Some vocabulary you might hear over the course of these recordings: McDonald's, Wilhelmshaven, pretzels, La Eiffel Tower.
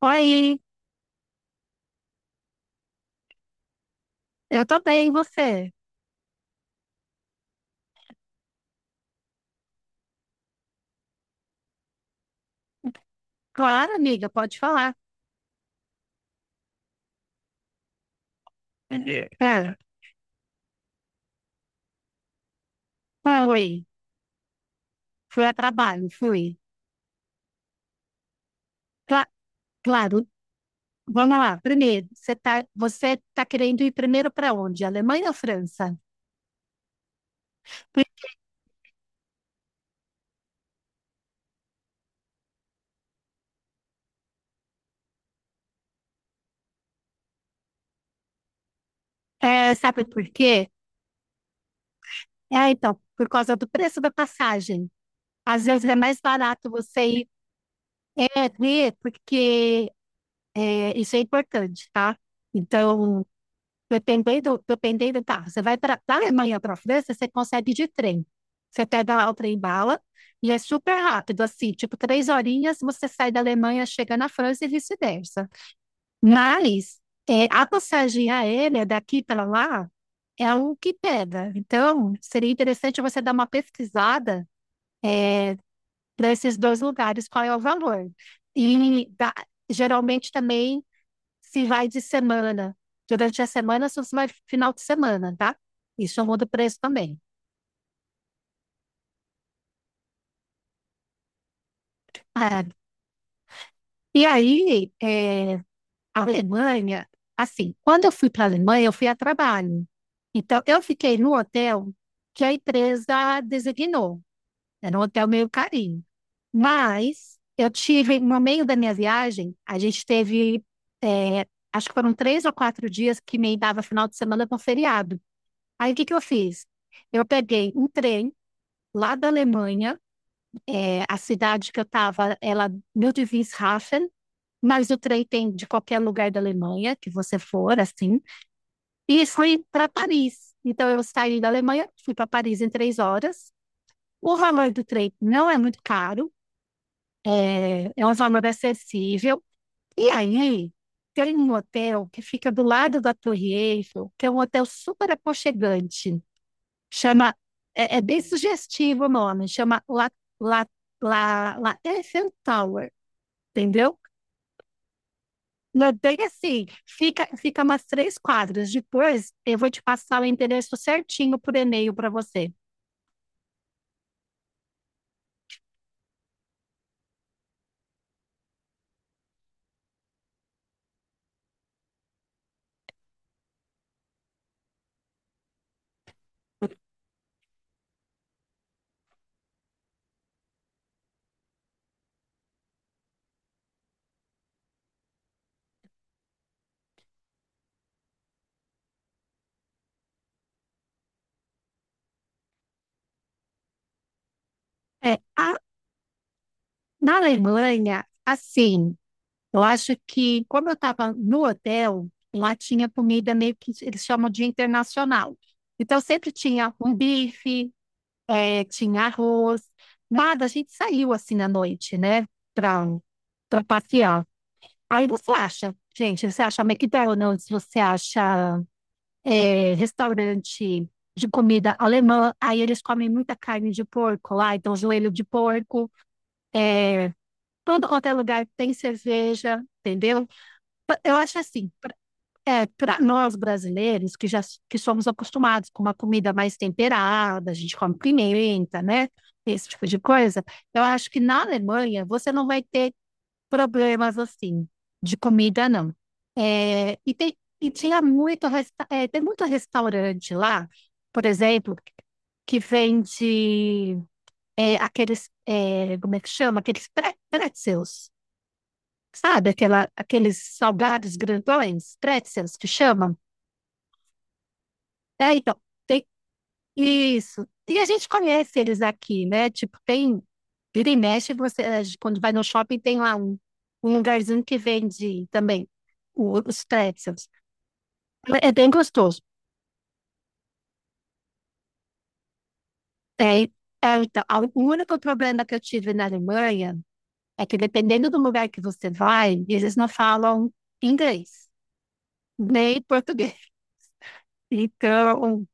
Oi, eu tô bem, e você? Claro, amiga, pode falar. Pera, oi, fui a trabalho, fui. Cla- claro, vamos lá. Primeiro, você tá querendo ir primeiro para onde? Alemanha ou França? Por- sabe por quê? É, então, por causa do preço da passagem. Às vezes é mais barato você ir, é, ver, porque é, isso é importante, tá? Então, dependendo, tá. Você vai para da Alemanha para a França, você consegue ir de trem. Você pega lá o trem bala e é super rápido, assim, tipo, 3 horinhas você sai da Alemanha, chega na França e vice-versa. Mas é, a passagem aérea daqui para lá é o que pega. Então, seria interessante você dar uma pesquisada para esses dois lugares, qual é o valor. E da- Geralmente também se vai de semana. Durante a semana, se você vai final de semana, tá? Isso muda o preço também. Ah, e aí, é, a Alemanha, assim, quando eu fui para a Alemanha, eu fui a trabalho. Então, eu fiquei no hotel que a empresa designou. Era um hotel meio carinho. Mas eu tive, no meio da minha viagem, a gente teve, é, acho que foram 3 ou 4 dias que me dava final de semana para um feriado. Aí, o que que eu fiz? Eu peguei um trem lá da Alemanha. É, a cidade que eu estava, ela, meu Wilhelmshaven, mas o trem tem de qualquer lugar da Alemanha que você for, assim. E fui para Paris. Então eu saí da Alemanha, fui para Paris em 3 horas. O valor do trem não é muito caro, é, é um valor acessível. E aí tem um hotel que fica do lado da Torre Eiffel, que é um hotel super aconchegante. Chama, é, é bem sugestivo o nome, chama La, La Eiffel Tower, entendeu? Não é bem assim, fica, fica umas 3 quadras. Depois eu vou te passar o endereço certinho por e-mail para você. É, a Na Alemanha, assim, eu acho que, como eu estava no hotel, lá tinha comida meio que eles chamam de internacional. Então, sempre tinha um bife, tinha arroz, nada. A gente saiu assim à noite, né, para para passear. Aí você acha, gente, você acha McDonald's, você acha restaurante de comida alemã. Aí eles comem muita carne de porco lá, então joelho de porco. eh, Todo quanto é lugar tem cerveja, entendeu? Eu acho assim, para nós brasileiros que que somos acostumados com uma comida mais temperada, a gente come pimenta, né? Esse tipo de coisa. Eu acho que na Alemanha você não vai ter problemas assim de comida, não. É, e tem, e tinha muito, tem muito restaurante lá, por exemplo, que vende é, aqueles, é, como é que chama? Aqueles pretzels. Sabe aquela, aqueles salgados grandões, pretzels que chamam? É, então, tem isso. E a gente conhece eles aqui, né? Tipo, tem, vira e mexe, você, eh, quando vai no shopping, tem lá um, um lugarzinho que vende também os pretzels. É bem gostoso. É, é, então, o único problema que eu tive na Alemanha é que, dependendo do lugar que você vai, eles não falam inglês, nem português. Então,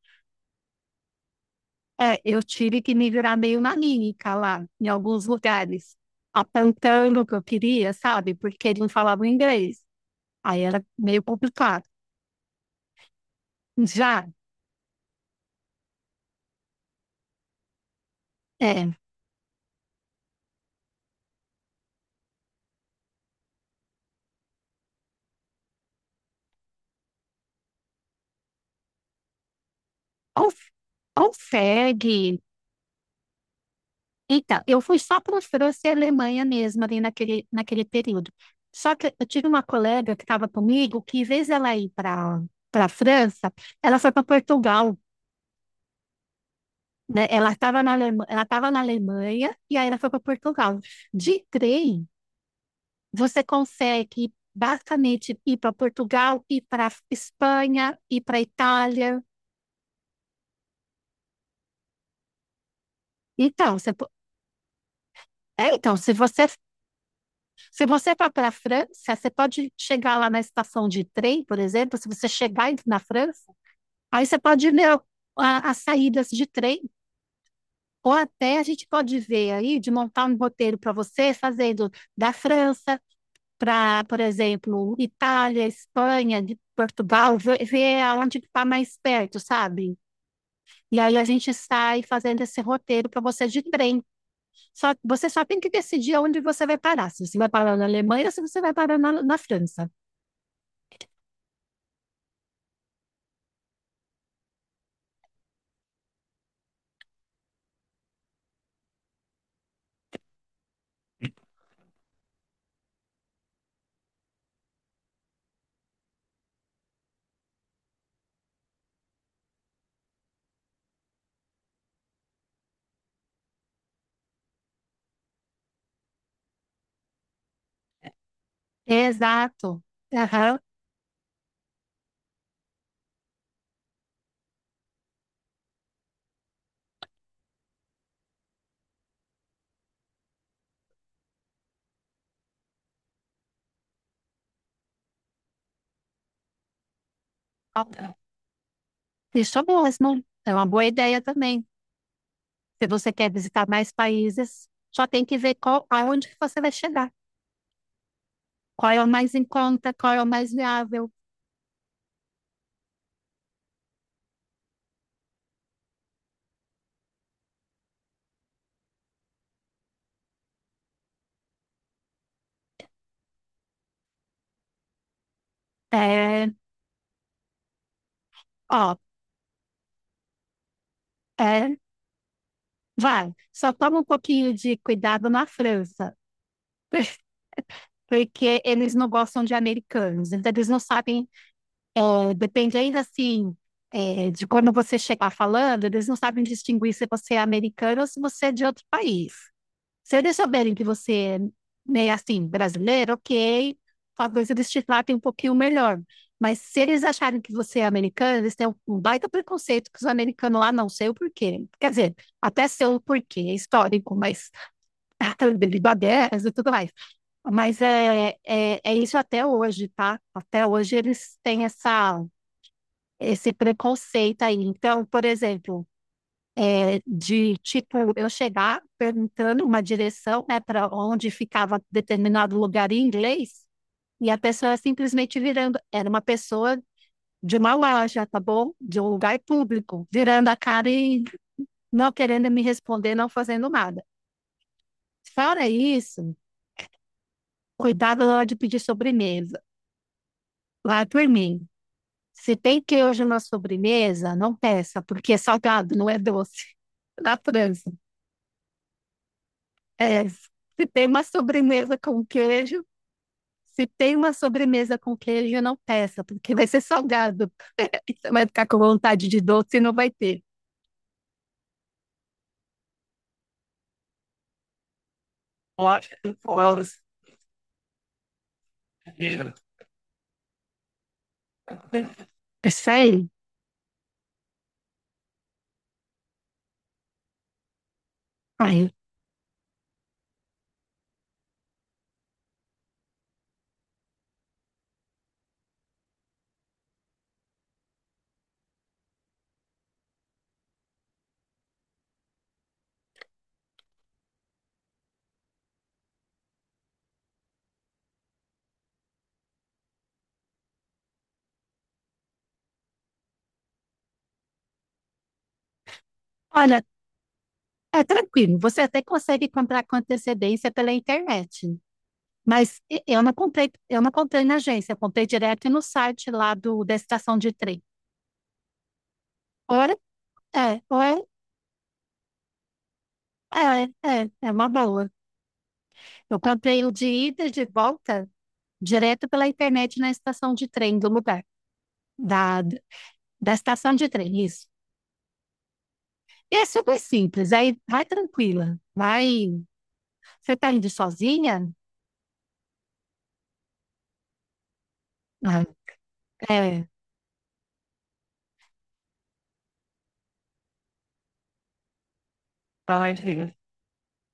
É, eu tive que me virar meio nanica lá, em alguns lugares, apontando o que eu queria, sabe? Porque eles não falavam inglês. Aí era meio complicado. Já, é, Alf- Alfeg. Então, eu fui só para França e Alemanha mesmo ali naquele período. Só que eu tive uma colega que estava comigo que, em vez dela ir para França, ela foi para Portugal, né? Ela estava na Alemanha e aí ela foi para Portugal. De trem, você consegue ir basicamente ir para Portugal, ir para Espanha, ir para Itália. Então, se você se você for para a França, você pode chegar lá na estação de trem, por exemplo, se você chegar na França, aí você pode ver as saídas de trem. Ou até a gente pode ver aí de montar um roteiro para você, fazendo da França para, por exemplo, Itália, Espanha, de Portugal, ver, ver onde está mais perto, sabe? E aí a gente sai fazendo esse roteiro para você de trem. Só, você só tem que decidir onde você vai parar. Se você vai parar na Alemanha ou se você vai parar na, na França. Exato. Aham. Ó, isso mesmo. É uma boa ideia também. Se você quer visitar mais países, só tem que ver qual, aonde que você vai chegar. Qual é o mais em conta, qual é o mais viável. É, ó, é, vai. Só toma um pouquinho de cuidado na França, porque eles não gostam de americanos, então eles não sabem, é, dependendo assim, é, de quando você chegar falando, eles não sabem distinguir se você é americano ou se você é de outro país. Se eles souberem que você é meio assim, brasileiro, ok, talvez eles te tratem um pouquinho melhor. Mas se eles acharem que você é americano, eles têm um baita preconceito que os americanos lá não sei o porquê. Quer dizer, até sei o porquê, é histórico, mas ah, Bangladesh e tudo mais. Mas é isso até hoje, tá? Até hoje eles têm essa, esse preconceito aí. Então, por exemplo, é de tipo eu chegar perguntando uma direção, né, para onde ficava determinado lugar em inglês, e a pessoa simplesmente virando, era uma pessoa de uma loja, tá bom? De um lugar público, virando a cara e não querendo me responder, não fazendo nada. Fora isso, cuidado na hora de pedir sobremesa. Lá por mim. Se tem queijo na sobremesa, não peça, porque é salgado, não é doce. Na França, é. Se tem uma sobremesa com queijo, Se tem uma sobremesa com queijo, não peça, porque vai ser salgado. Você vai ficar com vontade de doce e não vai ter. Olha, olha, é isso aí. Aí, olha, é tranquilo. Você até consegue comprar com antecedência pela internet. Mas eu não comprei na agência, eu comprei direto no site lá do, da estação de trem. Ora, é, ora, é, é uma boa. Eu comprei o de ida e de volta direto pela internet na estação de trem do lugar, da, da estação de trem, isso. E é super simples, aí vai tranquila, vai. Você tá indo sozinha? Ah, é, pode.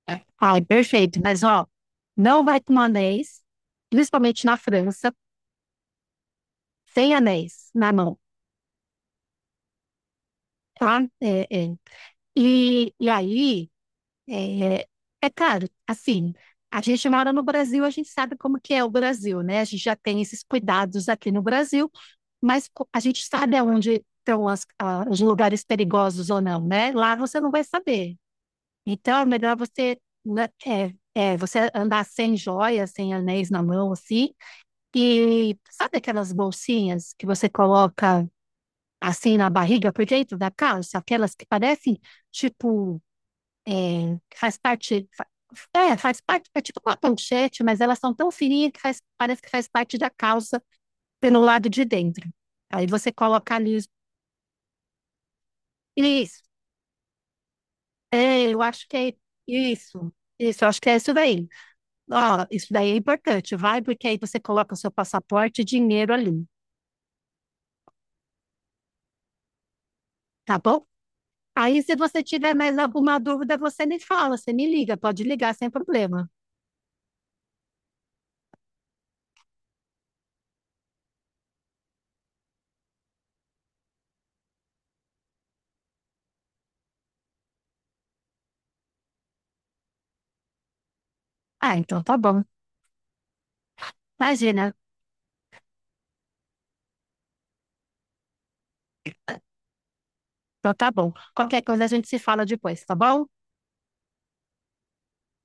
É. Ai, perfeito, mas ó, não vai com anéis, principalmente na França, sem anéis na mão, tá? É, é. E aí. É, é claro, assim, a gente mora no Brasil, a gente sabe como que é o Brasil, né? A gente já tem esses cuidados aqui no Brasil, mas a gente sabe aonde estão os lugares perigosos ou não, né? Lá você não vai saber. Então, é melhor você, né, você andar sem joias, sem anéis na mão, assim, e sabe aquelas bolsinhas que você coloca assim na barriga por dentro da calça, aquelas que parecem, tipo é, faz parte, é tipo uma manchete, mas elas são tão fininhas que parece que faz parte da calça pelo lado de dentro. Aí você coloca ali, isso, é, eu acho que é isso, isso, eu acho que é isso daí. Ó, isso daí é importante, vai, porque aí você coloca o seu passaporte e dinheiro ali, tá bom? Aí, se você tiver mais alguma dúvida, você me fala, você me liga, pode ligar sem problema. Ah, então tá bom. Imagina. Então tá bom. Qualquer coisa a gente se fala depois, tá bom?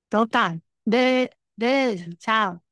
Então tá. De... Beijo, tchau.